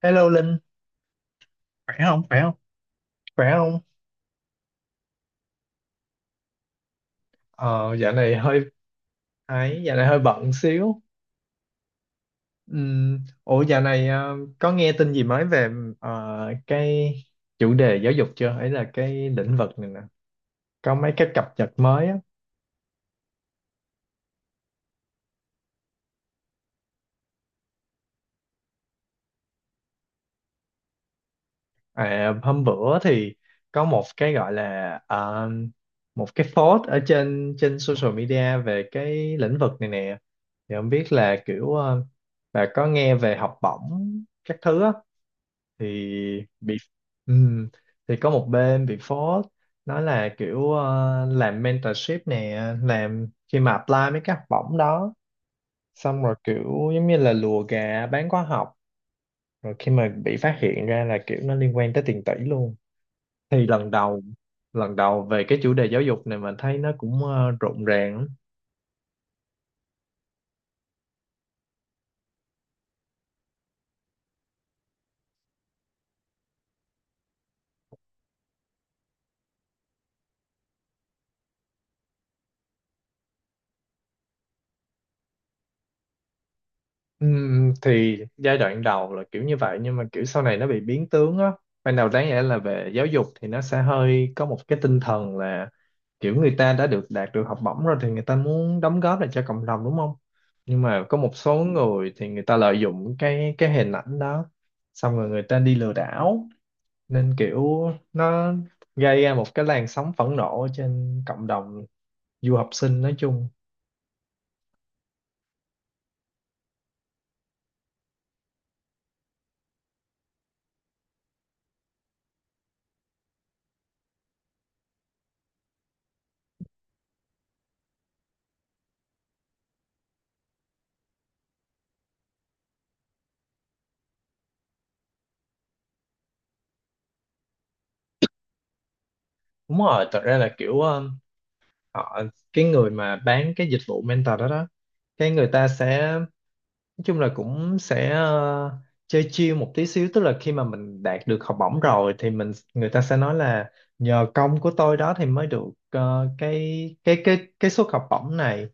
Hello Linh, khỏe không? Khỏe không? Khỏe không? Ờ, dạo này hơi ấy, dạo này hơi bận xíu. Ừm, ủa dạo này có nghe tin gì mới về ờ, cái chủ đề giáo dục chưa? Ấy là cái lĩnh vực này nè. Có mấy cái cập nhật mới á. À, hôm bữa thì có một cái gọi là một cái post ở trên trên social media về cái lĩnh vực này nè. Thì không biết là kiểu bà có nghe về học bổng các thứ á. Thì bị ừm, thì có một bên bị phốt, nói là kiểu làm mentorship nè, làm khi mà apply mấy cái học bổng đó xong rồi kiểu giống như là lùa gà bán khóa học, rồi khi mà bị phát hiện ra là kiểu nó liên quan tới tiền tỷ luôn. Thì lần đầu về cái chủ đề giáo dục này mình thấy nó cũng rộn ràng lắm. Thì giai đoạn đầu là kiểu như vậy, nhưng mà kiểu sau này nó bị biến tướng á. Ban đầu đáng lẽ là về giáo dục thì nó sẽ hơi có một cái tinh thần là kiểu người ta đã được đạt được học bổng rồi thì người ta muốn đóng góp lại cho cộng đồng, đúng không? Nhưng mà có một số người thì người ta lợi dụng cái hình ảnh đó, xong rồi người ta đi lừa đảo, nên kiểu nó gây ra một cái làn sóng phẫn nộ trên cộng đồng du học sinh nói chung. Đúng rồi, thật ra là kiểu họ, cái người mà bán cái dịch vụ mentor đó đó, cái người ta sẽ nói chung là cũng sẽ chơi chill một tí xíu, tức là khi mà mình đạt được học bổng rồi thì người ta sẽ nói là nhờ công của tôi đó thì mới được cái suất học bổng này.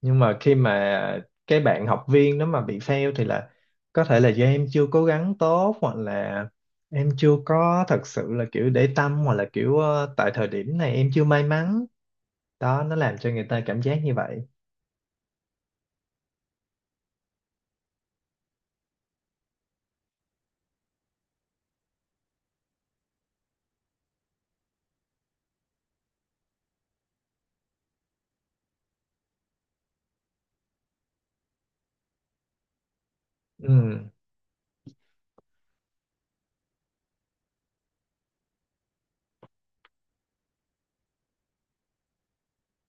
Nhưng mà khi mà cái bạn học viên đó mà bị fail thì là có thể là do em chưa cố gắng tốt, hoặc là em chưa có thật sự là kiểu để tâm, hoặc là kiểu tại thời điểm này em chưa may mắn. Đó, nó làm cho người ta cảm giác như vậy. Ừ.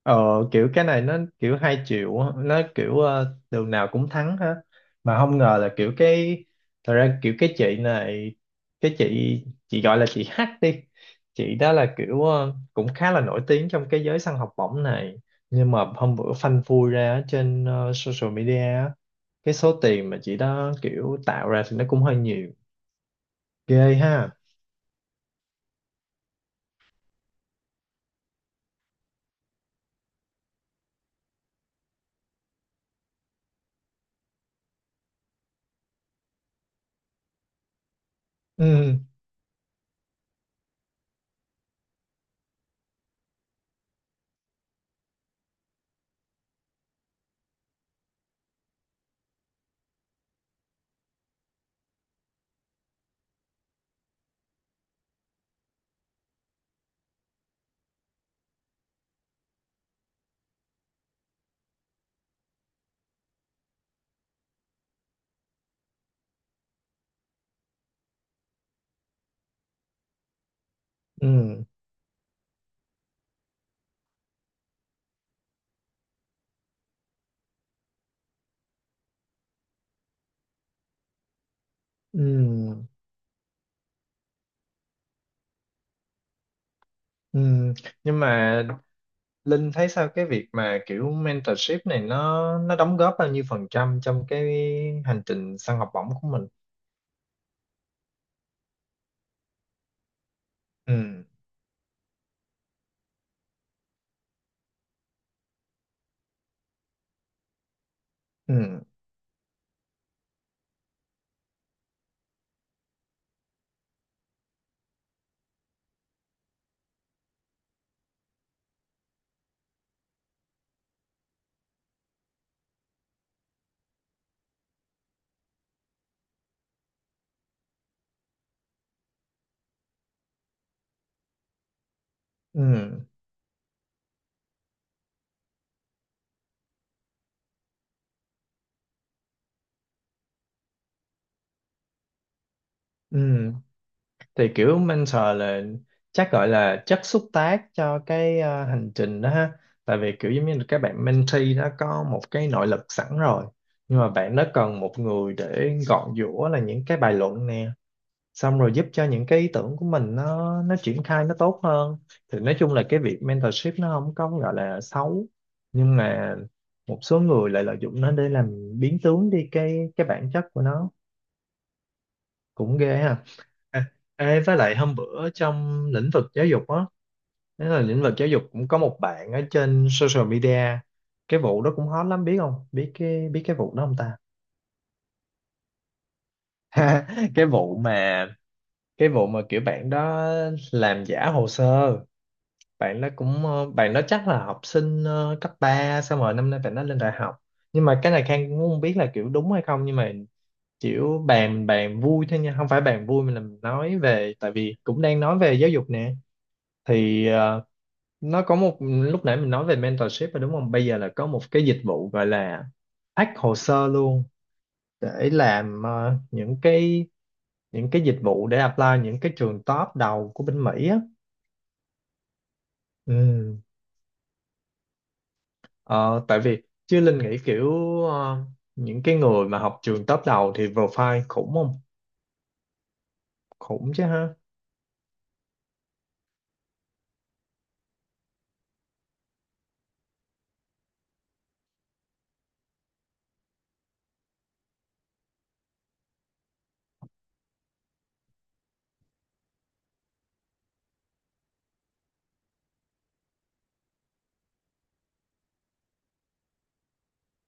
Ờ, kiểu cái này nó kiểu hai triệu á, nó kiểu đường nào cũng thắng ha. Mà không ngờ là kiểu cái, thật ra kiểu cái chị này, cái chị gọi là chị H đi, chị đó là kiểu cũng khá là nổi tiếng trong cái giới săn học bổng này. Nhưng mà hôm bữa phanh phui ra ở trên social media á, cái số tiền mà chị đó kiểu tạo ra thì nó cũng hơi nhiều, ghê ha. Ừ, ừ, ừ, ừ. Nhưng mà Linh thấy sao cái việc mà kiểu mentorship này nó đóng góp bao nhiêu phần trăm trong cái hành trình săn học bổng của mình? Ừ, ừ, ừ, ừ. Thì kiểu mentor là chắc gọi là chất xúc tác cho cái hành trình đó ha. Tại vì kiểu giống như là các bạn mentee đã có một cái nội lực sẵn rồi. Nhưng mà bạn đó cần một người để gọn giũa là những cái bài luận nè, xong rồi giúp cho những cái ý tưởng của mình nó triển khai nó tốt hơn. Thì nói chung là cái việc mentorship nó không có gọi là xấu, nhưng mà một số người lại lợi dụng nó để làm biến tướng đi cái bản chất của nó, cũng ghê ha. À, ê, với lại hôm bữa trong lĩnh vực giáo dục á, đó là lĩnh vực giáo dục cũng có một bạn ở trên social media, cái vụ đó cũng hot lắm, biết không? Biết cái, biết cái vụ đó không ta? Cái vụ mà, cái vụ mà kiểu bạn đó làm giả hồ sơ, bạn nó cũng bạn nó chắc là học sinh cấp ba, xong rồi năm nay bạn nó lên đại học. Nhưng mà cái này Khang cũng không biết là kiểu đúng hay không, nhưng mà kiểu bàn bàn vui thôi nha, không phải bàn vui mà là mình nói về, tại vì cũng đang nói về giáo dục nè. Thì nó có một, lúc nãy mình nói về mentorship rồi đúng không, bây giờ là có một cái dịch vụ gọi là hack hồ sơ luôn, để làm những cái, những cái dịch vụ để apply những cái trường top đầu của bên Mỹ á. Ừ. Ờ, tại vì chứ Linh nghĩ kiểu ờ, những cái người mà học trường top đầu thì profile khủng không? Khủng chứ ha.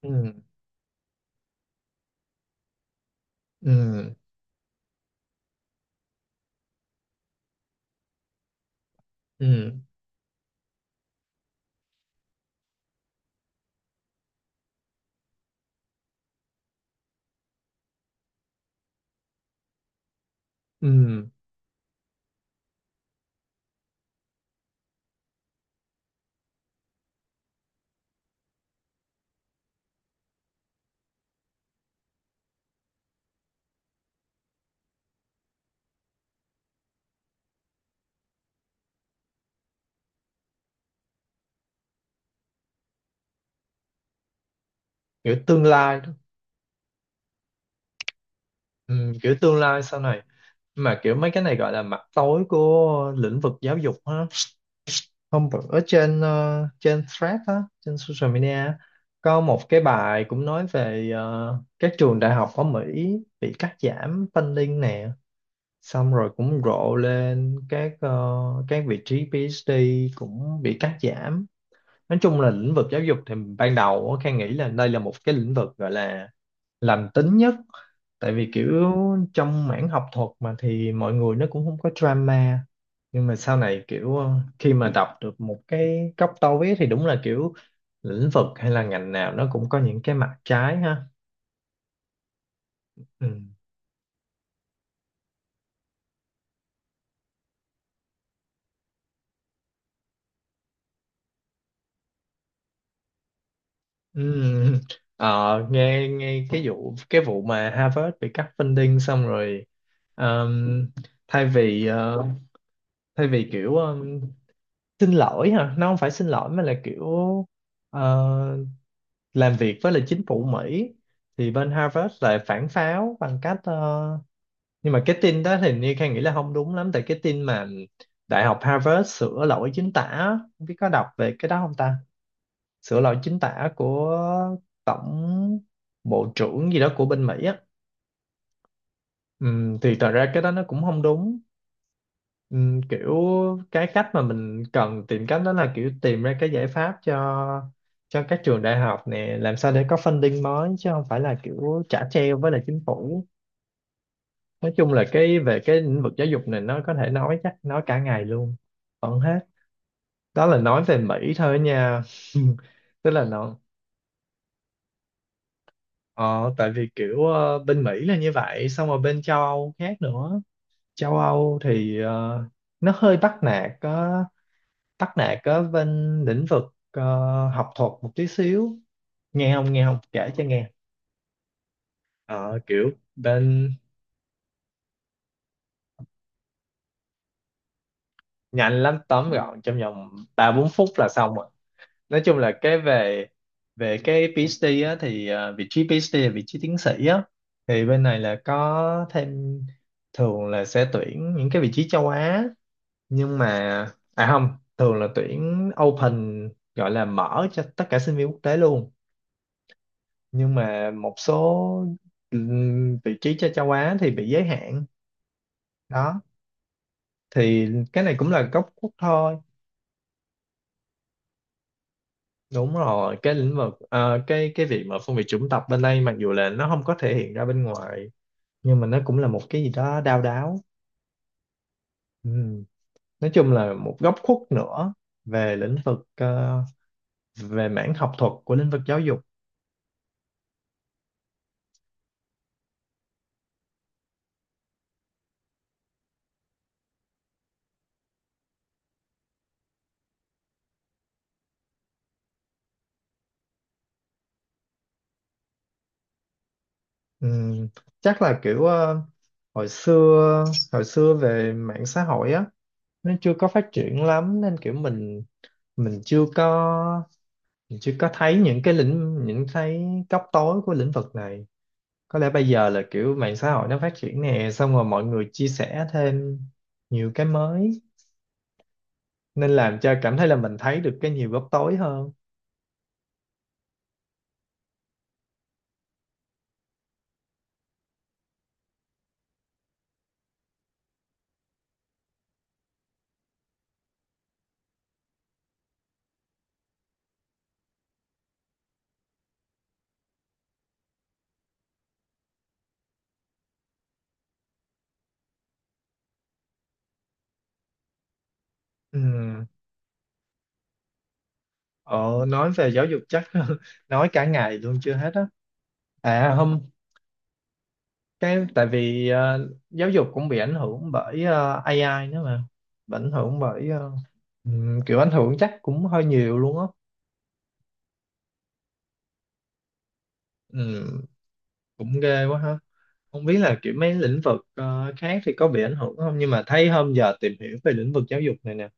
Ừ, ừ, ừ, ừ. Kiểu tương lai đó. Ừ, kiểu tương lai sau này. Mà kiểu mấy cái này gọi là mặt tối của lĩnh vực giáo dục ha. Hôm bữa ở trên trên thread á, trên social media á, có một cái bài cũng nói về các trường đại học ở Mỹ bị cắt giảm funding nè. Xong rồi cũng rộ lên các các vị trí PhD cũng bị cắt giảm. Nói chung là lĩnh vực giáo dục thì ban đầu á, Khang nghĩ là đây là một cái lĩnh vực gọi là lành tính nhất, tại vì kiểu trong mảng học thuật mà thì mọi người nó cũng không có drama. Nhưng mà sau này kiểu khi mà đọc được một cái góc tối thì đúng là kiểu lĩnh vực hay là ngành nào nó cũng có những cái mặt trái ha. Ừ. Ừm, ờ, nghe nghe cái vụ, cái vụ mà Harvard bị cắt funding xong rồi ờm, thay vì thay vì kiểu xin lỗi hả, nó không phải xin lỗi mà là kiểu ờ, làm việc với lại chính phủ Mỹ, thì bên Harvard lại phản pháo bằng cách nhưng mà cái tin đó thì như Khang nghĩ là không đúng lắm, tại cái tin mà Đại học Harvard sửa lỗi chính tả á, không biết có đọc về cái đó không ta? Sửa lỗi chính tả của tổng, bộ trưởng gì đó của bên Mỹ á. Thì thật ra cái đó nó cũng không đúng. Kiểu cái cách mà mình cần tìm cách đó là kiểu tìm ra cái giải pháp cho các trường đại học nè, làm sao để có funding mới, chứ không phải là kiểu trả treo với lại chính phủ. Nói chung là cái về cái lĩnh vực giáo dục này nó có thể nói chắc nói cả ngày luôn vẫn hết. Đó là nói về Mỹ thôi nha. Tức là nó, ờ, tại vì kiểu bên Mỹ là như vậy, xong rồi bên châu Âu khác nữa. Châu Âu thì nó hơi bắt nạt ở bên lĩnh vực ờ, học thuật một tí xíu. Nghe không, kể cho nghe. Ờ, kiểu bên nhanh lắm, tóm gọn trong vòng ba bốn phút là xong rồi. Nói chung là cái về về cái PhD á, thì vị trí PhD là vị trí tiến sĩ á. Thì bên này là có thêm thường là sẽ tuyển những cái vị trí châu Á, nhưng mà à không, thường là tuyển open, gọi là mở cho tất cả sinh viên quốc tế luôn. Nhưng mà một số vị trí cho châu Á thì bị giới hạn. Đó, thì cái này cũng là góc khuất thôi. Đúng rồi, cái lĩnh vực cái việc mà phân biệt chủng tộc bên đây mặc dù là nó không có thể hiện ra bên ngoài, nhưng mà nó cũng là một cái gì đó đau đáu. Ừm. Nói chung là một góc khuất nữa về lĩnh vực về mảng học thuật của lĩnh vực giáo dục. Ừm, chắc là kiểu hồi xưa hồi xưa về mạng xã hội á, nó chưa có phát triển lắm nên kiểu mình chưa có, mình chưa có thấy những cái lĩnh những thấy góc tối của lĩnh vực này. Có lẽ bây giờ là kiểu mạng xã hội nó phát triển nè, xong rồi mọi người chia sẻ thêm nhiều cái mới, nên làm cho cảm thấy là mình thấy được cái nhiều góc tối hơn. Ừm, ờ, nói về giáo dục chắc nói cả ngày luôn chưa hết á. À hôm, cái tại vì giáo dục cũng bị ảnh hưởng bởi AI nữa mà. Bị ảnh hưởng bởi kiểu ảnh hưởng chắc cũng hơi nhiều luôn á. Ừm, cũng ghê quá ha, không biết là kiểu mấy lĩnh vực khác thì có bị ảnh hưởng không, nhưng mà thấy hôm giờ tìm hiểu về lĩnh vực giáo dục này nè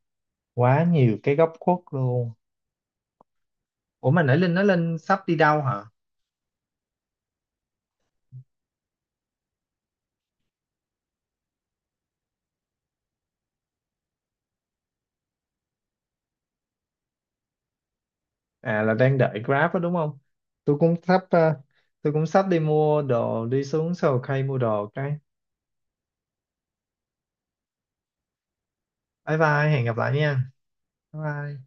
quá nhiều cái góc khuất luôn. Ủa mà nãy Linh nói Linh sắp đi đâu hả? À là đang đợi Grab đó đúng không? Tôi cũng sắp tôi cũng sắp đi mua đồ, đi xuống Sầu Cây mua đồ cái. Bye bye, hẹn gặp lại nha. Bye bye.